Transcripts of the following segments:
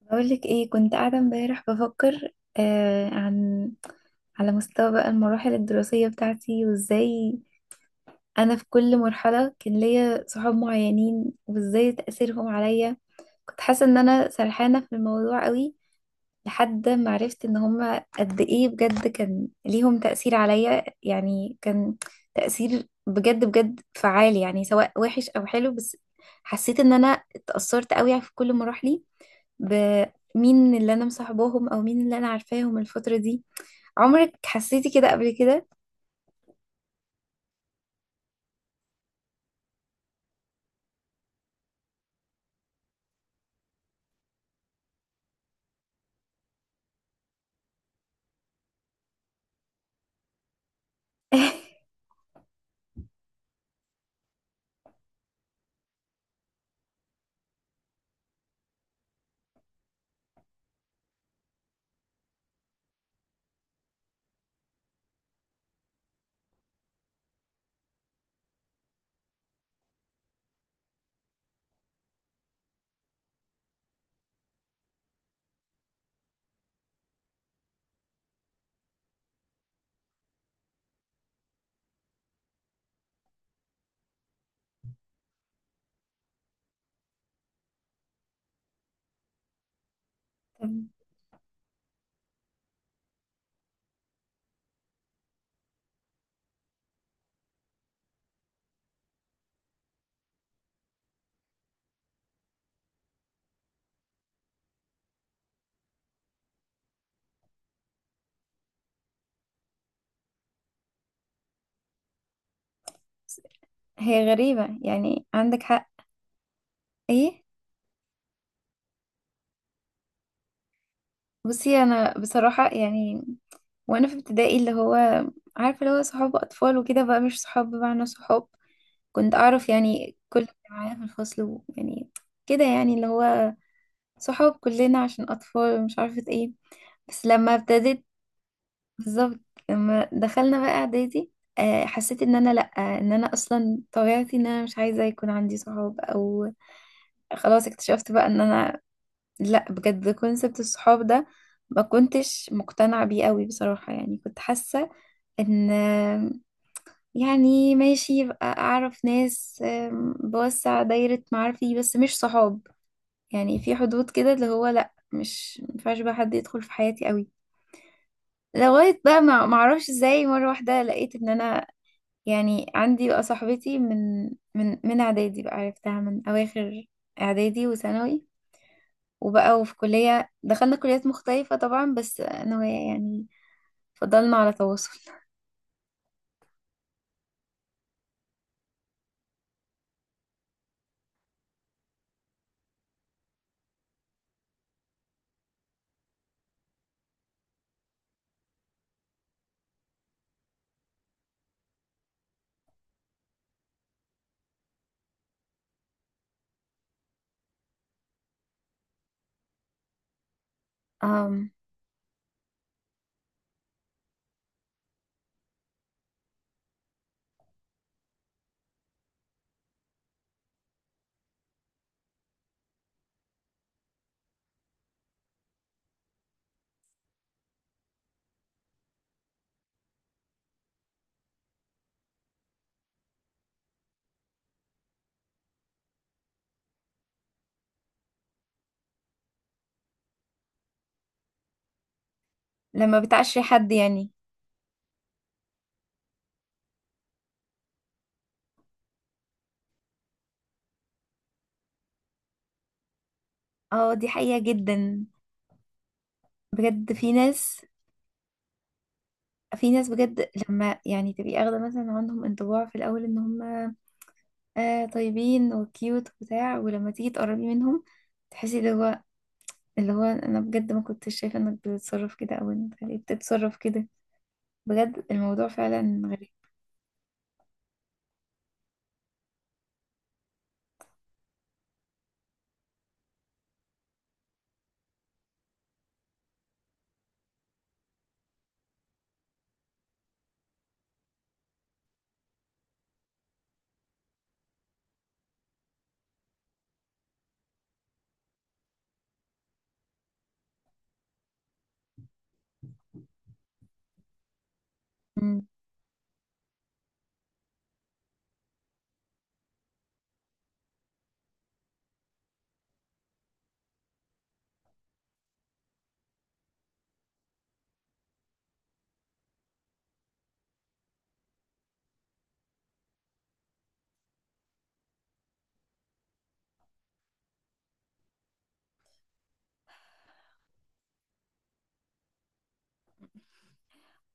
بقولك ايه، كنت قاعدة امبارح بفكر، آه عن على مستوى بقى المراحل الدراسية بتاعتي، وازاي انا في كل مرحلة كان ليا صحاب معينين، وازاي تأثيرهم عليا. كنت حاسة ان انا سرحانة في الموضوع قوي لحد ما عرفت ان هما قد ايه بجد كان ليهم تأثير عليا. يعني كان تأثير بجد بجد فعال، يعني سواء وحش او حلو. بس حسيت ان انا اتأثرت قوي في كل مراحلي بمين اللي انا مصاحباهم او مين اللي انا عارفاهم الفترة دي. عمرك حسيتي كده قبل كده؟ طب. هي غريبة، يعني عندك حق. ايه. بصي انا بصراحة، يعني وانا في ابتدائي، اللي هو عارفة اللي هو صحاب اطفال وكده بقى، مش صحاب بمعنى صحاب. كنت اعرف يعني كل اللي معايا في الفصل، ويعني كده يعني، اللي هو صحاب كلنا عشان اطفال مش عارفة ايه. بس لما ابتديت، بالظبط، لما دخلنا بقى اعدادي، حسيت ان انا لا، ان انا اصلا طبيعتي ان انا مش عايزه يكون عندي صحاب، او خلاص اكتشفت بقى ان انا لا، بجد كونسبت الصحاب ده ما كنتش مقتنعه بيه قوي بصراحه. يعني كنت حاسه ان، يعني ماشي يبقى اعرف ناس، بوسع دايره معارفي بس مش صحاب. يعني في حدود كده، اللي هو لا مش مينفعش بقى حد يدخل في حياتي قوي، لغاية بقى ما معرفش ازاي مرة واحدة لقيت ان انا، يعني عندي بقى صاحبتي من اعدادي بقى، عرفتها من اواخر اعدادي وثانوي، وبقى وفي كلية دخلنا كليات مختلفة طبعا، بس انا وهي يعني فضلنا على تواصل. أم. لما بتعشري حد يعني. اه، دي حقيقة جدا، بجد في ناس، في ناس بجد لما يعني تبقي اخدة مثلا عندهم انطباع في الاول ان هم طيبين وكيوت وبتاع، ولما تيجي تقربي منهم تحسي ده اللي هو، انا بجد ما كنتش شايفه انك بتتصرف كده، او انت ليه بتتصرف كده. بجد الموضوع فعلا غريب. مم.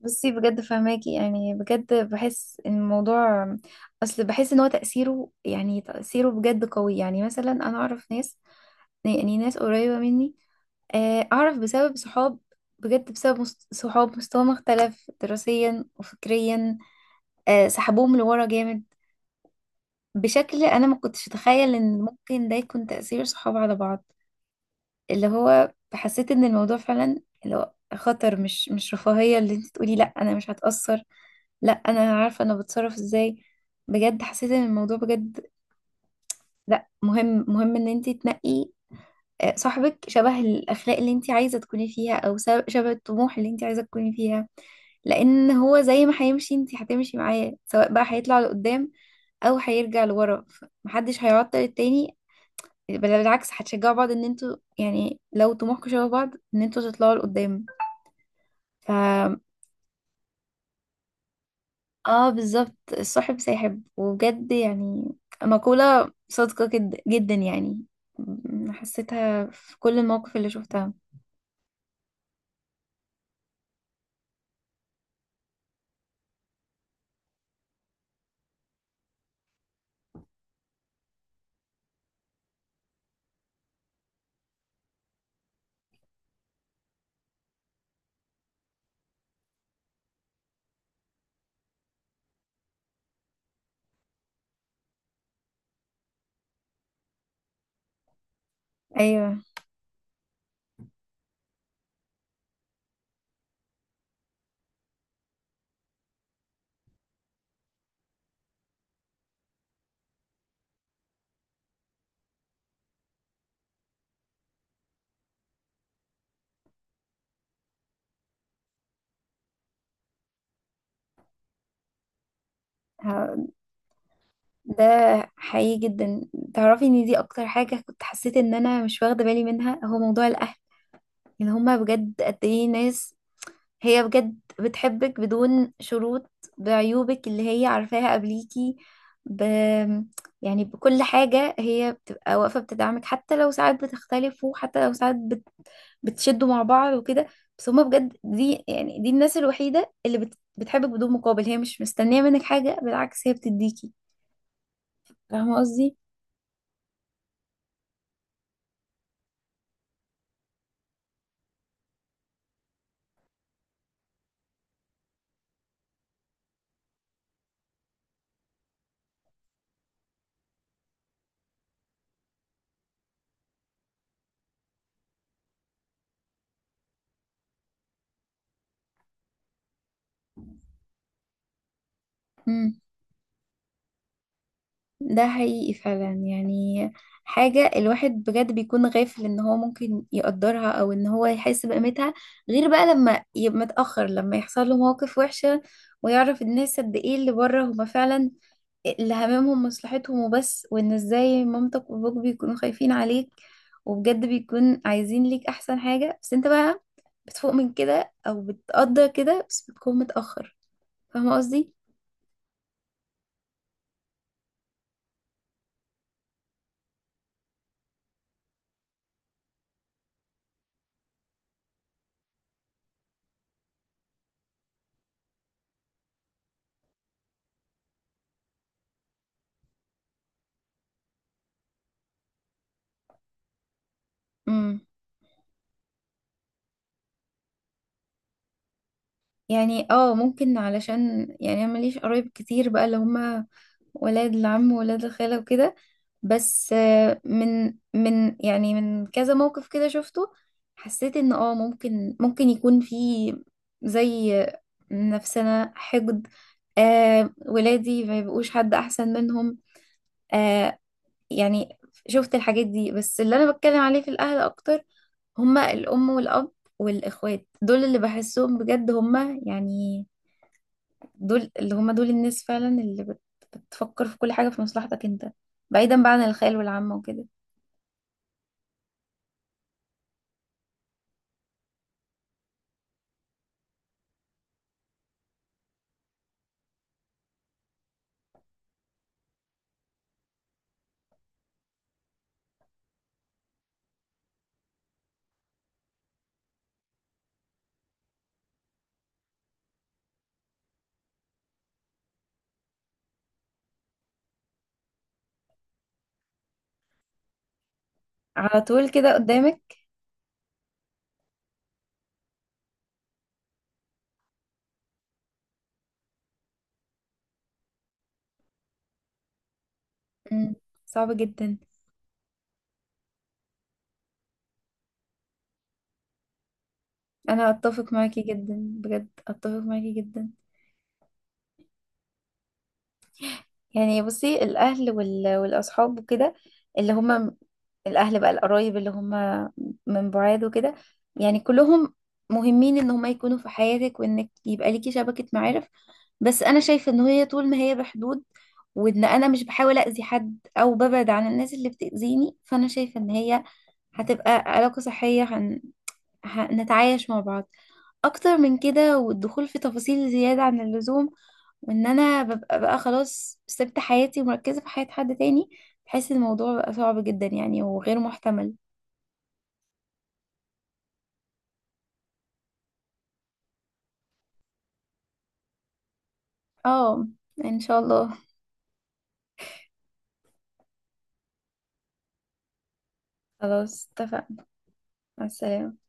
بصي بجد فهماكي، يعني بجد بحس ان الموضوع، اصل بحس ان هو تأثيره يعني تأثيره بجد قوي. يعني مثلا انا اعرف ناس، يعني ناس قريبه مني، اعرف بسبب صحاب، بجد بسبب صحاب مستواهم اختلف دراسيا وفكريا، سحبوهم لورا جامد، بشكل انا ما كنتش اتخيل ان ممكن ده يكون تأثير صحاب على بعض. اللي هو حسيت ان الموضوع فعلا اللي هو خطر، مش رفاهية اللي انت تقولي لا انا مش هتأثر، لا انا عارفة انا بتصرف ازاي. بجد حسيت ان الموضوع بجد لا، مهم مهم ان انت تنقي صاحبك شبه الاخلاق اللي انت عايزة تكوني فيها، او شبه الطموح اللي انت عايزة تكوني فيها. لان هو زي ما هيمشي انت هتمشي معاه، سواء بقى هيطلع لقدام او هيرجع لورا. محدش هيعطل التاني، بل بالعكس هتشجعوا بعض ان انتوا يعني لو طموحكم شبه بعض ان انتوا تطلعوا لقدام. ف اه بالظبط، الصاحب ساحب، وبجد يعني مقولة صادقة جد جدا يعني. حسيتها في كل المواقف اللي شفتها. ايوه. ه- ده حقيقي جدا. تعرفي ان دي اكتر حاجة كنت حسيت ان انا مش واخدة بالي منها، هو موضوع الاهل، ان هما بجد قد ايه ناس. هي بجد بتحبك بدون شروط، بعيوبك اللي هي عارفاها قبليكي، ب... يعني بكل حاجة هي بتبقى واقفة بتدعمك، حتى لو ساعات بتختلفوا، حتى لو ساعات بتشدوا مع بعض وكده. بس هما بجد دي يعني دي الناس الوحيدة اللي بتحبك بدون مقابل، هي مش مستنية منك حاجة، بالعكس هي بتديكي. فاهمة قصدي؟ امم. ده حقيقي فعلا يعني، حاجة الواحد بجد بيكون غافل ان هو ممكن يقدرها او ان هو يحس بقيمتها، غير بقى لما يبقى متأخر، لما يحصل له مواقف وحشة ويعرف الناس قد ايه اللي بره هما فعلا اللي هممهم مصلحتهم وبس. وان ازاي مامتك وابوك بيكونوا خايفين عليك، وبجد بيكون عايزين ليك احسن حاجة، بس انت بقى بتفوق من كده او بتقدر كده بس بتكون متأخر. فاهمة قصدي؟ امم. يعني ممكن، علشان يعني انا ماليش قرايب كتير بقى اللي هما ولاد العم وولاد الخالة وكده. بس آه، من من يعني من كذا موقف كده شفته، حسيت ان ممكن ممكن يكون في زي، نفسنا حقد، ولادي ما يبقوش حد احسن منهم. آه يعني شفت الحاجات دي. بس اللي انا بتكلم عليه في الاهل اكتر هما الام والاب والاخوات. دول اللي بحسهم بجد هما يعني، دول اللي هم دول الناس فعلا اللي بتفكر في كل حاجة في مصلحتك انت، بعيدا بقى عن الخيال والعامة وكده. على طول كده قدامك. مم. صعب جدا. انا اتفق معاكي جدا، بجد اتفق معاكي جدا. يعني بصي، الاهل والاصحاب وكده، اللي هم الاهل بقى، القرايب اللي هم من بعاد وكده، يعني كلهم مهمين ان هم يكونوا في حياتك، وانك يبقى ليكي شبكة معارف. بس انا شايفة ان هي طول ما هي بحدود، وان انا مش بحاول اذي حد او ببعد عن الناس اللي بتأذيني، فانا شايفة ان هي هتبقى علاقة صحية. هنتعايش مع بعض. اكتر من كده والدخول في تفاصيل زيادة عن اللزوم وان انا ببقى بقى خلاص سبت حياتي ومركزة في حياة حد تاني، بحس إن الموضوع بقى صعب جدا يعني وغير محتمل. اه، ان شاء الله. خلاص اتفقنا. مع السلامة.